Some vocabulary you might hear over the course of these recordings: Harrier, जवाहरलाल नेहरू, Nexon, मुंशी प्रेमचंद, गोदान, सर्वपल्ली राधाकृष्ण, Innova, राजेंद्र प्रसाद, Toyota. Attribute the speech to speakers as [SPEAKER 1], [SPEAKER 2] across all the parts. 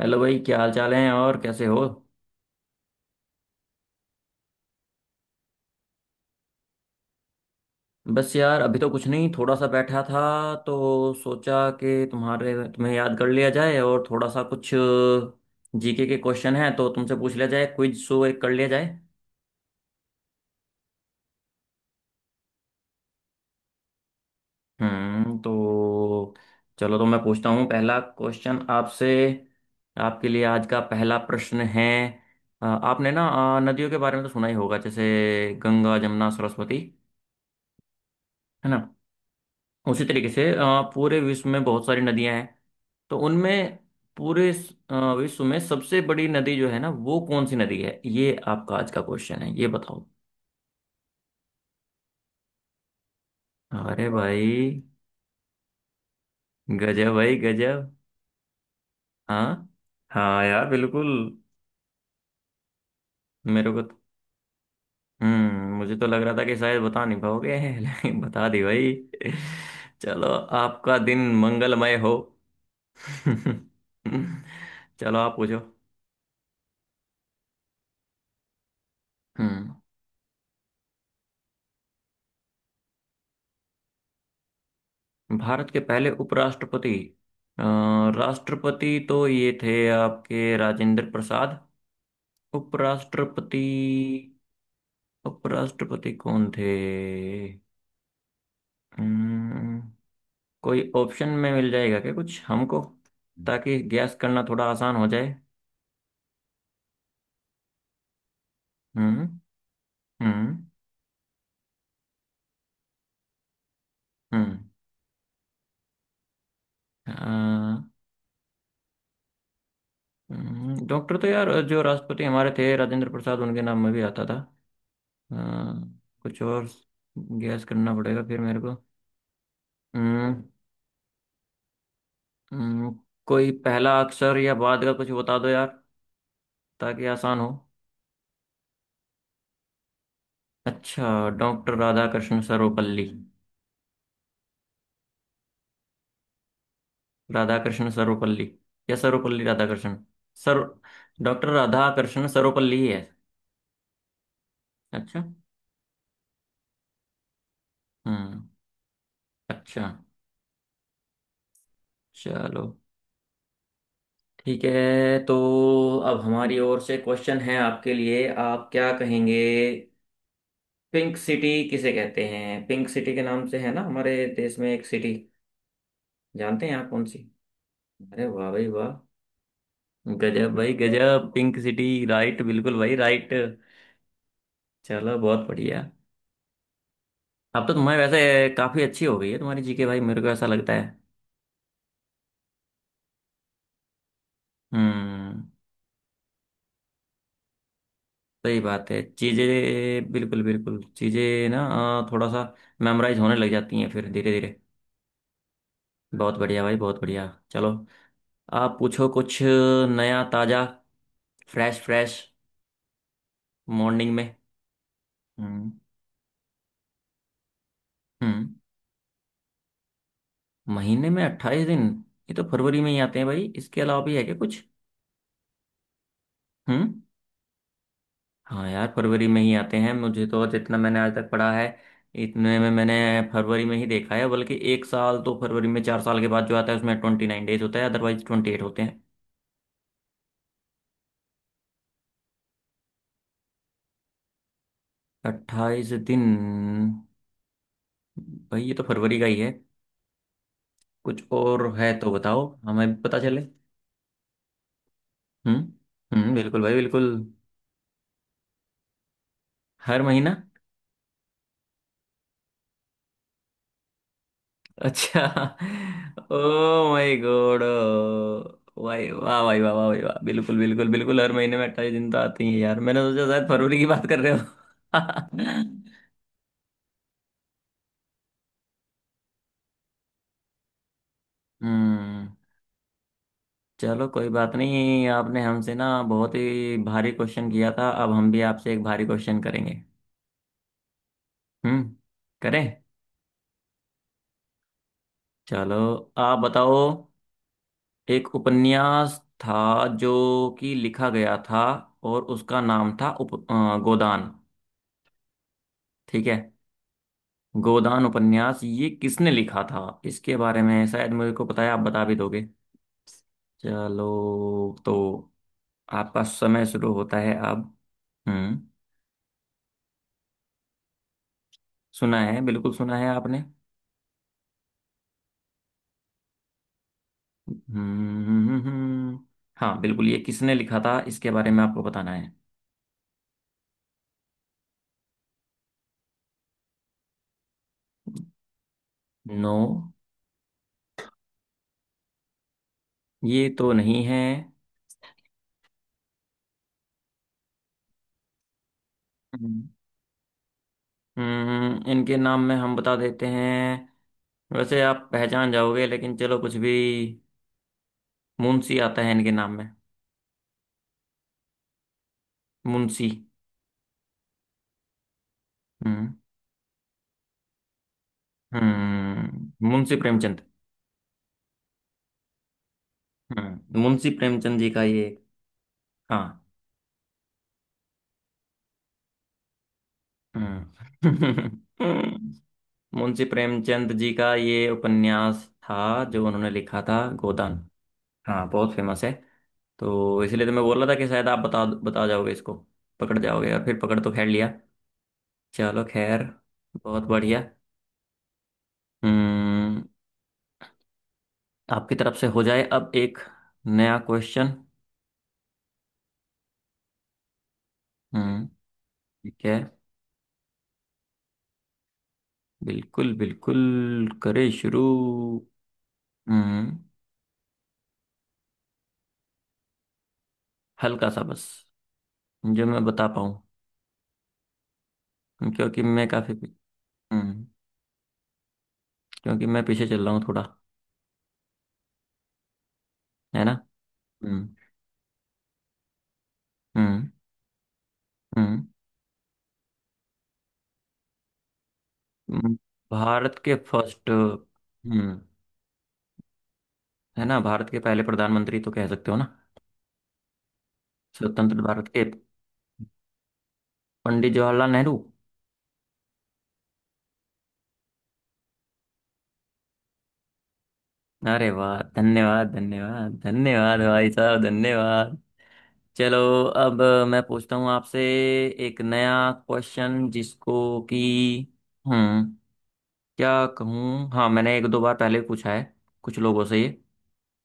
[SPEAKER 1] Hello भाई, क्या हाल चाल है और कैसे हो? बस यार, अभी तो कुछ नहीं, थोड़ा सा बैठा था। तो सोचा कि तुम्हारे तुम्हें याद कर लिया जाए और थोड़ा सा कुछ जीके के क्वेश्चन हैं, तो तुमसे पूछ लिया जाए, क्विज शो एक कर लिया जाए। तो चलो, तो मैं पूछता हूँ पहला क्वेश्चन आपसे। आपके लिए आज का पहला प्रश्न है। आपने ना, नदियों के बारे में तो सुना ही होगा, जैसे गंगा जमुना सरस्वती, है ना? उसी तरीके से पूरे विश्व में बहुत सारी नदियां हैं। तो उनमें पूरे विश्व में सबसे बड़ी नदी जो है ना, वो कौन सी नदी है? ये आपका आज का क्वेश्चन है, ये बताओ। अरे भाई, गजब भाई गजब। हाँ। हाँ यार, बिल्कुल। मेरे को तो- मुझे तो लग रहा था कि शायद बता नहीं पाओगे लेकिन बता दी भाई। चलो, आपका दिन मंगलमय हो। चलो, आप पूछो। हम्म। भारत के पहले उपराष्ट्रपति। अ, राष्ट्रपति तो ये थे आपके, राजेंद्र प्रसाद। उपराष्ट्रपति। उपराष्ट्रपति कौन थे? अम्म, कोई ऑप्शन में मिल जाएगा क्या कुछ हमको, ताकि गैस करना थोड़ा आसान हो जाए? हम्म हम्म हम्म अ, डॉक्टर तो यार, जो राष्ट्रपति हमारे थे राजेंद्र प्रसाद, उनके नाम में भी आता था। अ, कुछ और गैस करना पड़ेगा फिर मेरे को। हम्म हम्म, कोई पहला अक्षर या बाद का कुछ बता दो यार, ताकि आसान हो। अच्छा, डॉक्टर राधाकृष्ण सर्वपल्ली। राधाकृष्ण सर्वपल्ली या सर्वपल्ली राधाकृष्ण सर? डॉक्टर राधाकृष्ण सर्वपल्ली ही है। अच्छा। हम्म। अच्छा। चलो, ठीक है। तो अब हमारी ओर से क्वेश्चन है आपके लिए, आप क्या कहेंगे? पिंक सिटी किसे कहते हैं? पिंक सिटी के नाम से है ना हमारे देश में एक सिटी, जानते हैं आप कौन सी? अरे वाह भाई वाह! गजब भाई गजब, पिंक सिटी राइट, बिल्कुल भाई राइट। चलो, बहुत बढ़िया। अब तो तुम्हारे वैसे काफी अच्छी हो गई है तुम्हारी जीके भाई, मेरे को ऐसा लगता है। हम्म सही बात है, चीजें बिल्कुल बिल्कुल, चीजें ना थोड़ा सा मेमोराइज होने लग जाती हैं फिर धीरे धीरे। बहुत बढ़िया भाई, बहुत बढ़िया। चलो, आप पूछो कुछ नया, ताजा, फ्रेश फ्रेश, मॉर्निंग में। हम्म हम्म महीने में 28 दिन? ये तो फरवरी में ही आते हैं भाई, इसके अलावा भी है क्या कुछ? हम्म हाँ यार, फरवरी में ही आते हैं मुझे तो, जितना मैंने आज तक पढ़ा है, इतने में मैंने फरवरी में ही देखा है। बल्कि एक साल तो फरवरी में 4 साल के बाद जो आता है उसमें 29 डेज होता है, अदरवाइज 28 होते हैं। 28 दिन? भाई ये तो फरवरी का ही है, कुछ और है तो बताओ हमें भी पता चले। हम्म बिल्कुल भाई, बिल्कुल। हर महीना? अच्छा। ओ माय गॉड! भाई वाह, भाई वाह वाह, भाई वाह, बिल्कुल बिल्कुल बिल्कुल, हर महीने में 28 दिन तो आते ही हैं यार, मैंने सोचा शायद फरवरी की बात कर रहे हो। हम्म चलो कोई बात नहीं, आपने हमसे ना बहुत ही भारी क्वेश्चन किया था, अब हम भी आपसे एक भारी क्वेश्चन करेंगे। हम्म। करें? चलो, आप बताओ। एक उपन्यास था, जो कि लिखा गया था, और उसका नाम था गोदान। ठीक है? गोदान उपन्यास, ये किसने लिखा था इसके बारे में, शायद मुझे को पता है, आप बता भी दोगे। चलो, तो आपका समय शुरू होता है अब। हम्म सुना है बिल्कुल, सुना है आपने। हम्म हम्म, हम्म, हम्म। हाँ बिल्कुल, ये किसने लिखा था इसके बारे में आपको बताना है। नो, ये तो नहीं है। हम्म इनके नाम में हम बता देते हैं, वैसे आप पहचान जाओगे, लेकिन चलो कुछ भी, मुंशी आता है इनके नाम में। मुंशी। हम्म हम्म, मुंशी प्रेमचंद। मुंशी प्रेमचंद जी का ये। हाँ। हम्म। मुंशी प्रेमचंद जी का ये उपन्यास था, जो उन्होंने लिखा था, गोदान। हाँ, बहुत फेमस है। तो इसलिए तो मैं बोल रहा था कि शायद आप बता बता जाओगे इसको, पकड़ जाओगे, और फिर पकड़ तो खैर लिया। चलो खैर, बहुत बढ़िया। हम्म आपकी तरफ से हो जाए अब एक नया क्वेश्चन। हम्म, ठीक है, बिल्कुल बिल्कुल। करे शुरू? हम्म हल्का सा बस, जो मैं बता पाऊँ, क्योंकि मैं काफी हम्म क्योंकि मैं पीछे चल रहा हूँ थोड़ा, है ना? हम्म, हम्म, हम्म, हम्म। भारत के फर्स्ट। है ना, भारत के पहले प्रधानमंत्री तो कह सकते हो ना। स्वतंत्र भारत के, पंडित जवाहरलाल नेहरू। अरे वाह, धन्यवाद धन्यवाद धन्यवाद भाई साहब, धन्यवाद। चलो, अब मैं पूछता हूँ आपसे एक नया क्वेश्चन, जिसको कि हम्म क्या कहूँ, हाँ, मैंने एक दो बार पहले भी पूछा है कुछ लोगों से ये,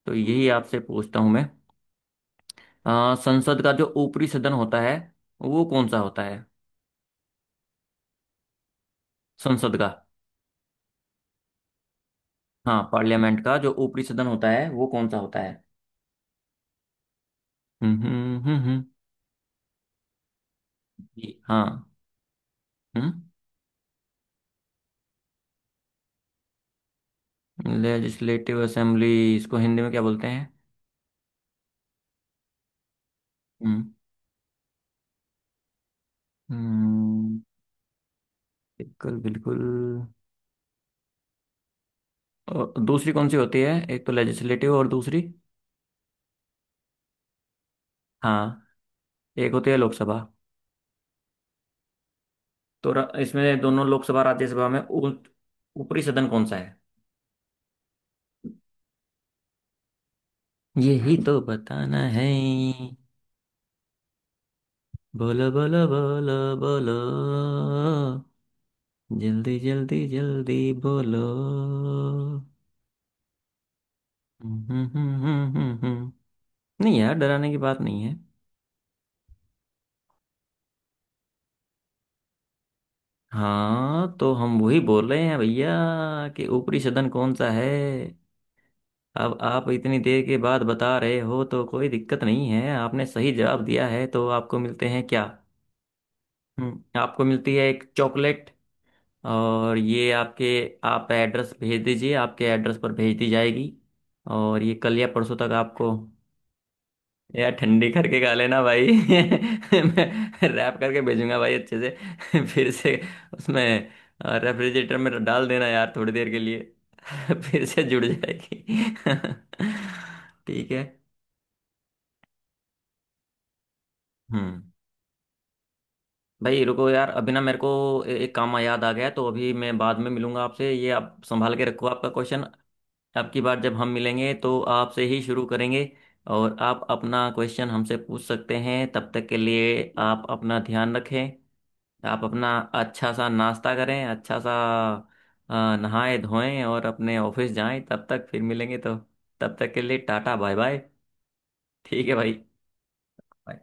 [SPEAKER 1] तो यही आपसे पूछता हूँ मैं। संसद का जो ऊपरी सदन होता है, वो कौन सा होता है? संसद का। हाँ, पार्लियामेंट का जो ऊपरी सदन होता है, वो कौन सा होता है? हम्म हम्म हम्म हम्म, जी, हाँ। हम्म लेजिस्लेटिव असेंबली, इसको हिंदी में क्या बोलते हैं? हम्म हम्म, बिल्कुल बिल्कुल, और दूसरी कौन सी होती है, एक तो लेजिस्लेटिव और दूसरी? हाँ, एक होती है लोकसभा। तो इसमें दोनों लोकसभा राज्यसभा में ऊपरी सदन कौन सा है, यही तो बताना है। बोलो, बोलो, बोलो। बोलो, जल्दी जल्दी जल्दी। बोलो। हम्म, हम्म, हम्म, हम्म। हम्म, हम्म। नहीं यार, डराने की बात नहीं है। हाँ, तो हम वही बोल रहे हैं भैया, कि ऊपरी सदन कौन सा है। अब आप इतनी देर के बाद बता रहे हो, तो कोई दिक्कत नहीं है, आपने सही जवाब दिया है, तो आपको मिलते हैं क्या? आपको मिलती है एक चॉकलेट। और ये आपके, आप एड्रेस भेज दीजिए, आपके एड्रेस पर भेज दी जाएगी, और ये कल या परसों तक आपको। यार ठंडी करके खा लेना भाई। मैं रैप करके भेजूंगा भाई, अच्छे से। फिर से उसमें रेफ्रिजरेटर में डाल देना यार, थोड़ी देर के लिए। फिर से जुड़ जाएगी। ठीक है। हम्म भाई रुको यार, अभी ना मेरे को एक काम याद आ गया है, तो अभी मैं बाद में मिलूंगा आपसे। ये आप संभाल के रखो, आपका क्वेश्चन। अब की बार जब हम मिलेंगे, तो आपसे ही शुरू करेंगे, और आप अपना क्वेश्चन हमसे पूछ सकते हैं। तब तक के लिए आप अपना ध्यान रखें, आप अपना अच्छा सा नाश्ता करें, अच्छा सा, नहाएं धोएं और अपने ऑफिस जाएं। तब तक फिर मिलेंगे तो, तब तक के लिए टाटा बाय बाय। ठीक है भाई। Bye.